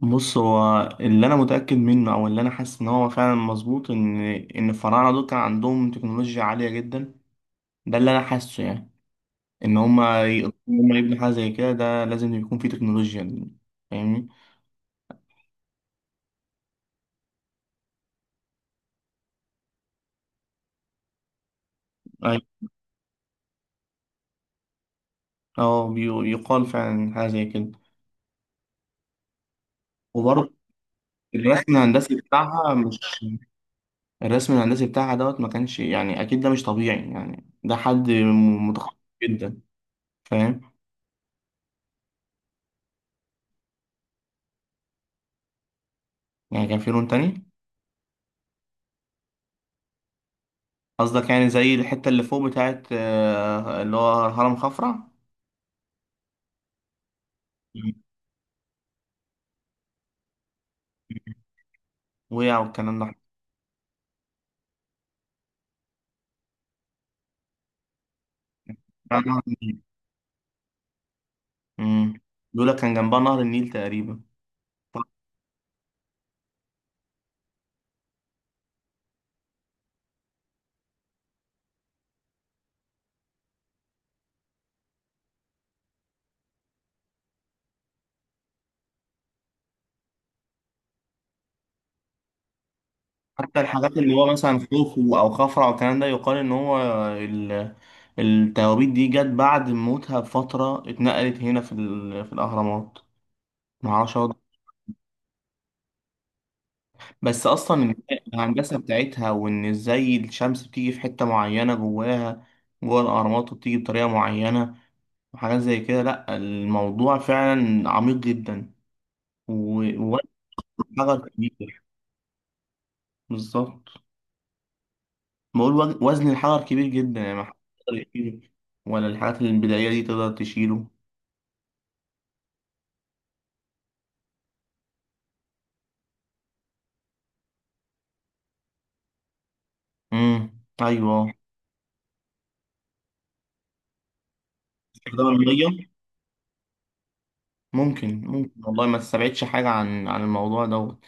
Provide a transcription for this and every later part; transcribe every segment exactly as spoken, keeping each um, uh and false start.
بص، هو اللي انا متاكد منه او اللي انا حاسس ان هو فعلا مظبوط، ان ان الفراعنه دول كان عندهم تكنولوجيا عاليه جدا. ده اللي انا حاسه يعني. ان هم ان هم يبنوا حاجه زي كده، ده لازم يكون فيه تكنولوجيا. فاهمني؟ ايوه. اه. بي- يقال فعلا حاجه زي كده. وبرضه الرسم الهندسي بتاعها مش الرسم الهندسي بتاعها دوت ما كانش، يعني اكيد ده مش طبيعي، يعني ده حد م- متخصص جدا. فاهم؟ يعني كان في لون تاني. قصدك يعني زي الحتة اللي فوق بتاعت آه، اللي هو هرم خفرع. مم. وقع والكلام ده. بتاع نهر النيل. مم. بيقول لك كان جنبها نهر النيل تقريبا. حتى الحاجات اللي هو مثلا خوفو أو خفرع والكلام ده، يقال إن هو ال- التوابيت دي جت بعد موتها بفترة، اتنقلت هنا في ال- في الأهرامات. معرفش أقعد. بس أصلا الهندسة بتاعتها، وإن إزاي الشمس بتيجي في حتة معينة جواها، جوه الأهرامات، وبتيجي بطريقة معينة، وحاجات زي كده. لأ الموضوع فعلا عميق جدا. و- ووزن الحجر كبير. بالظبط. بقول وز- وزن الحجر كبير جدا، يعني ما حدش يقدر يشيله، ولا الحاجات البدائية دي تقدر تشيله. امم أيوه. استخدام المية ممكن، ممكن والله. ما تستبعدش حاجة عن عن الموضوع دوت.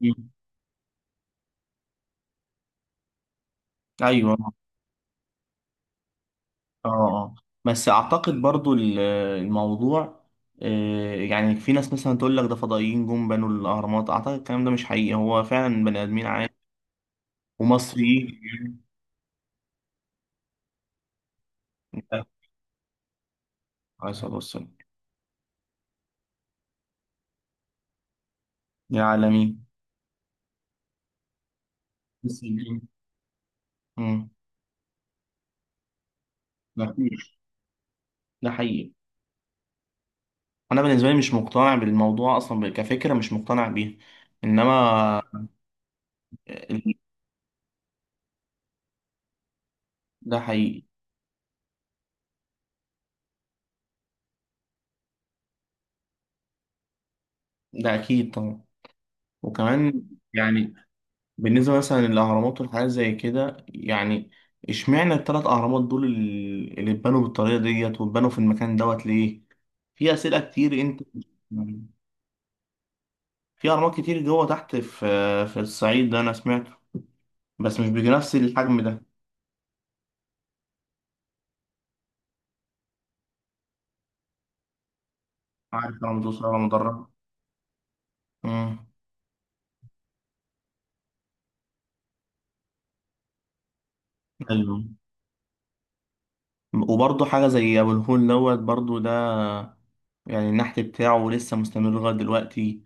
مم. أيوه. اه اه. بس أعتقد برضو ال- الموضوع، آه، يعني في ناس مثلا تقول لك ده فضائيين جم بنوا الأهرامات، أعتقد الكلام ده مش حقيقي، هو فعلا بني آدمين عادي ومصريين. لا، عليه الصلاة والسلام. يا عالمين. مسلمين. مم. لا فيش. ده حقيقي. أنا بالنسبة لي مش مقتنع بالموضوع أصلا كفكرة، مش مقتنع بيها. إنما ال- ده حقيقي. ده أكيد طبعا. وكمان يعني بالنسبة مثلا للأهرامات والحاجات زي كده، يعني اشمعنى التلات أهرامات دول ال- اللي اتبنوا بالطريقة ديت واتبنوا في المكان دوت ليه؟ في أسئلة كتير أنت. في أهرامات كتير جوه تحت، في في الصعيد ده أنا سمعت، بس مش بنفس الحجم ده. عارف رمضان صلى الله مدرج. امم ايوه. وبرضه حاجه زي ابو الهول دوت، برضه ده يعني النحت بتاعه لسه مستمر لغايه دلوقتي.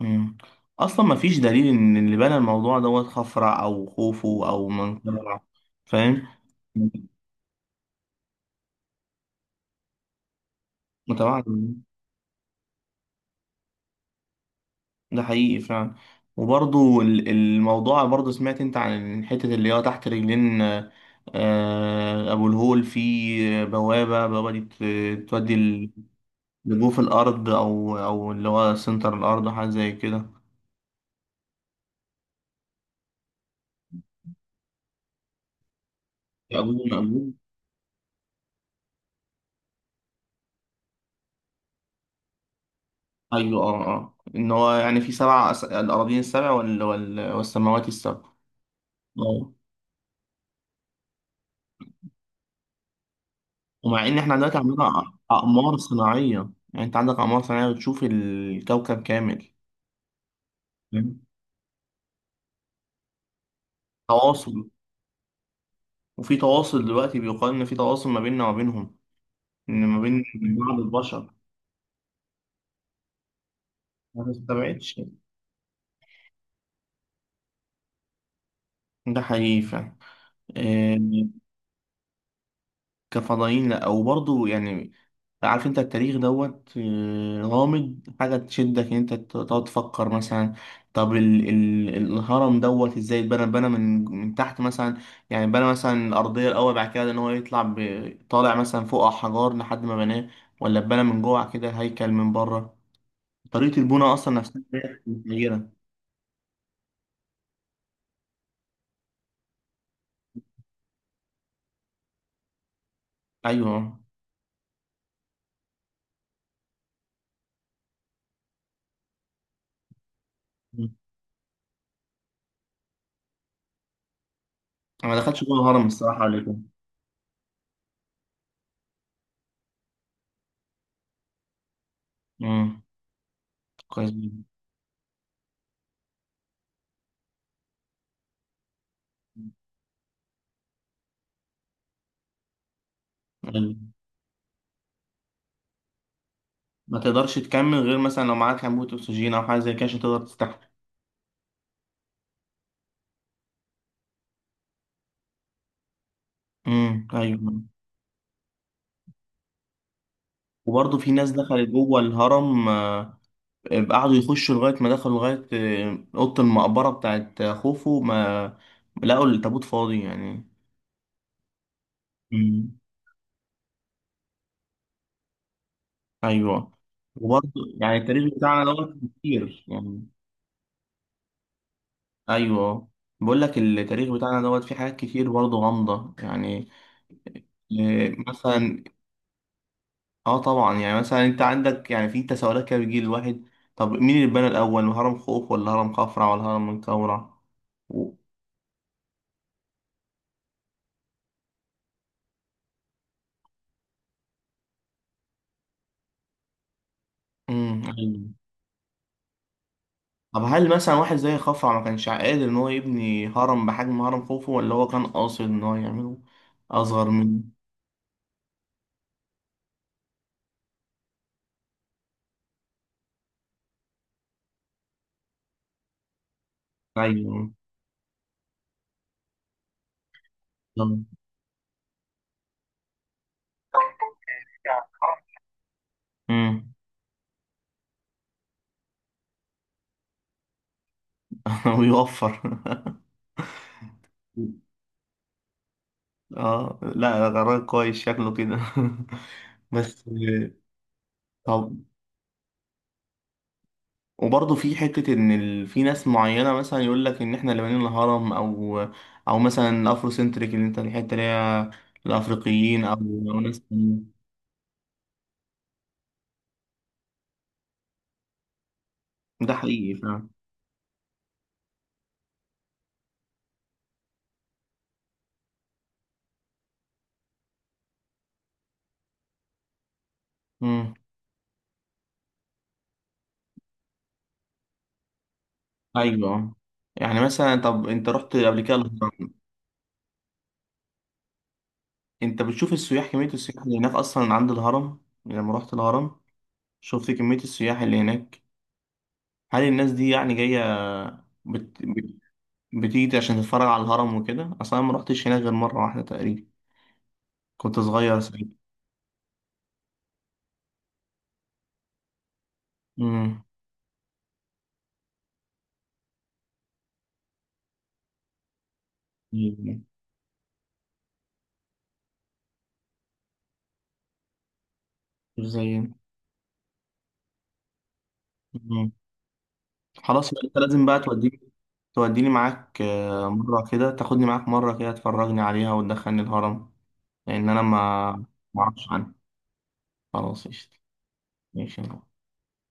امم اصلا ما فيش دليل ان اللي بنى الموضوع دوت خفرع او خوفو او منقرع. فاهم؟ متابعة. ده حقيقي فعلا. وبرضه ال- الموضوع برضه، سمعت انت عن الحتة اللي هي تحت رجلين آه، ابو الهول، في بوابة بوابة دي بت- تودي، جابوه في الأرض، أو أو اللي هو سنتر الأرض، أو حاجة زي كده. مقبول مقبول. أيوه أه أه. إن هو يعني في سبع أس... الأراضين السبع، وال... وال... والسماوات السبع. أه. ومع إن إحنا دلوقتي عندنا أ- أقمار صناعية، يعني أنت عندك أقمار صناعية بتشوف الكوكب كامل. فاهم؟ تواصل وفي تواصل دلوقتي، بيقال إن في تواصل ما بيننا وما بينهم، إن ما بين بعض البشر. ما استبعدش. ده حقيقي فعلا. آه، كفضائيين لا. وبرضه يعني، عارف انت التاريخ دوت آه، غامض، حاجة تشدك ان انت تقعد تفكر مثلا. طب ال ال الهرم دوت ازاي اتبنى اتبنى من من تحت مثلا؟ يعني بنى مثلا الأرضية الأول، بعد كده ان هو يطلع ب- طالع مثلا فوق على حجار لحد ما بناه، ولا اتبنى من جوه كده هيكل من بره؟ طريقة البناء أصلا نفسها متغيرة. أيوه. مم. أنا ما دخلتش جوه الهرم الصراحة قبل كده. مم. كويس جدا. أيوه. ما تقدرش تكمل غير مثلا لو معاك أنبوبة أكسجين أو حاجة زي كده عشان تقدر تستحمل. امم ايوه. وبرضه في ناس دخلت جوه الهرم، آه، قعدوا يخشوا لغايه ما دخلوا لغايه آه، اوضه المقبره بتاعت خوفو، ما لقوا التابوت فاضي يعني. امم ايوه. وبرضه يعني التاريخ بتاعنا دوت كتير يعني. ايوه. بقول لك التاريخ بتاعنا دوت فيه حاجات كتير برضه غامضه يعني، آه، مثلا. اه طبعا. يعني مثلا انت عندك، يعني في تساؤلات كده بتجي للواحد، طب مين اللي بنى الاول، هرم خوف ولا هرم خفرع ولا هرم منقورع؟ امم أيوة. طب هل مثلا واحد زي خفرع ما كانش قادر ان هو يبني هرم بحجم هرم خوفو، ولا هو كان قاصد ان هو يعمله اصغر من؟ ايوه بالظبط. امم ويوفر. اه لا، ده قرار كويس شكله كده. بس طب. وبرضه في حتة إن ال... في ناس معينة مثلا يقول لك إن إحنا اللي بنينا الهرم، أو أو مثلا أفرو سنتريك اللي أنت، الحتة اللي هي الأفريقيين، أو أو ناس تانية. ده حقيقي فعلا. ايوه يعني مثلا، طب انت رحت قبل كده الهرم؟ انت بتشوف السياح، كميه السياح اللي هناك اصلا عند الهرم، يعني لما رحت الهرم شفت كميه السياح اللي هناك، هل الناس دي يعني جايه بت... بت... بتيجي عشان تتفرج على الهرم وكده؟ اصلا أنا ما رحتش هناك غير مره واحده تقريبا، كنت صغير ساعتها. امم مش زي. امم خلاص يبقى انت لازم بقى توديني، توديني معاك، آه، مره كده تاخدني معاك، مره كده تفرجني عليها وتدخلني الهرم، لان انا ما ما اعرفش عنها. خلاص قشطة. ماشي.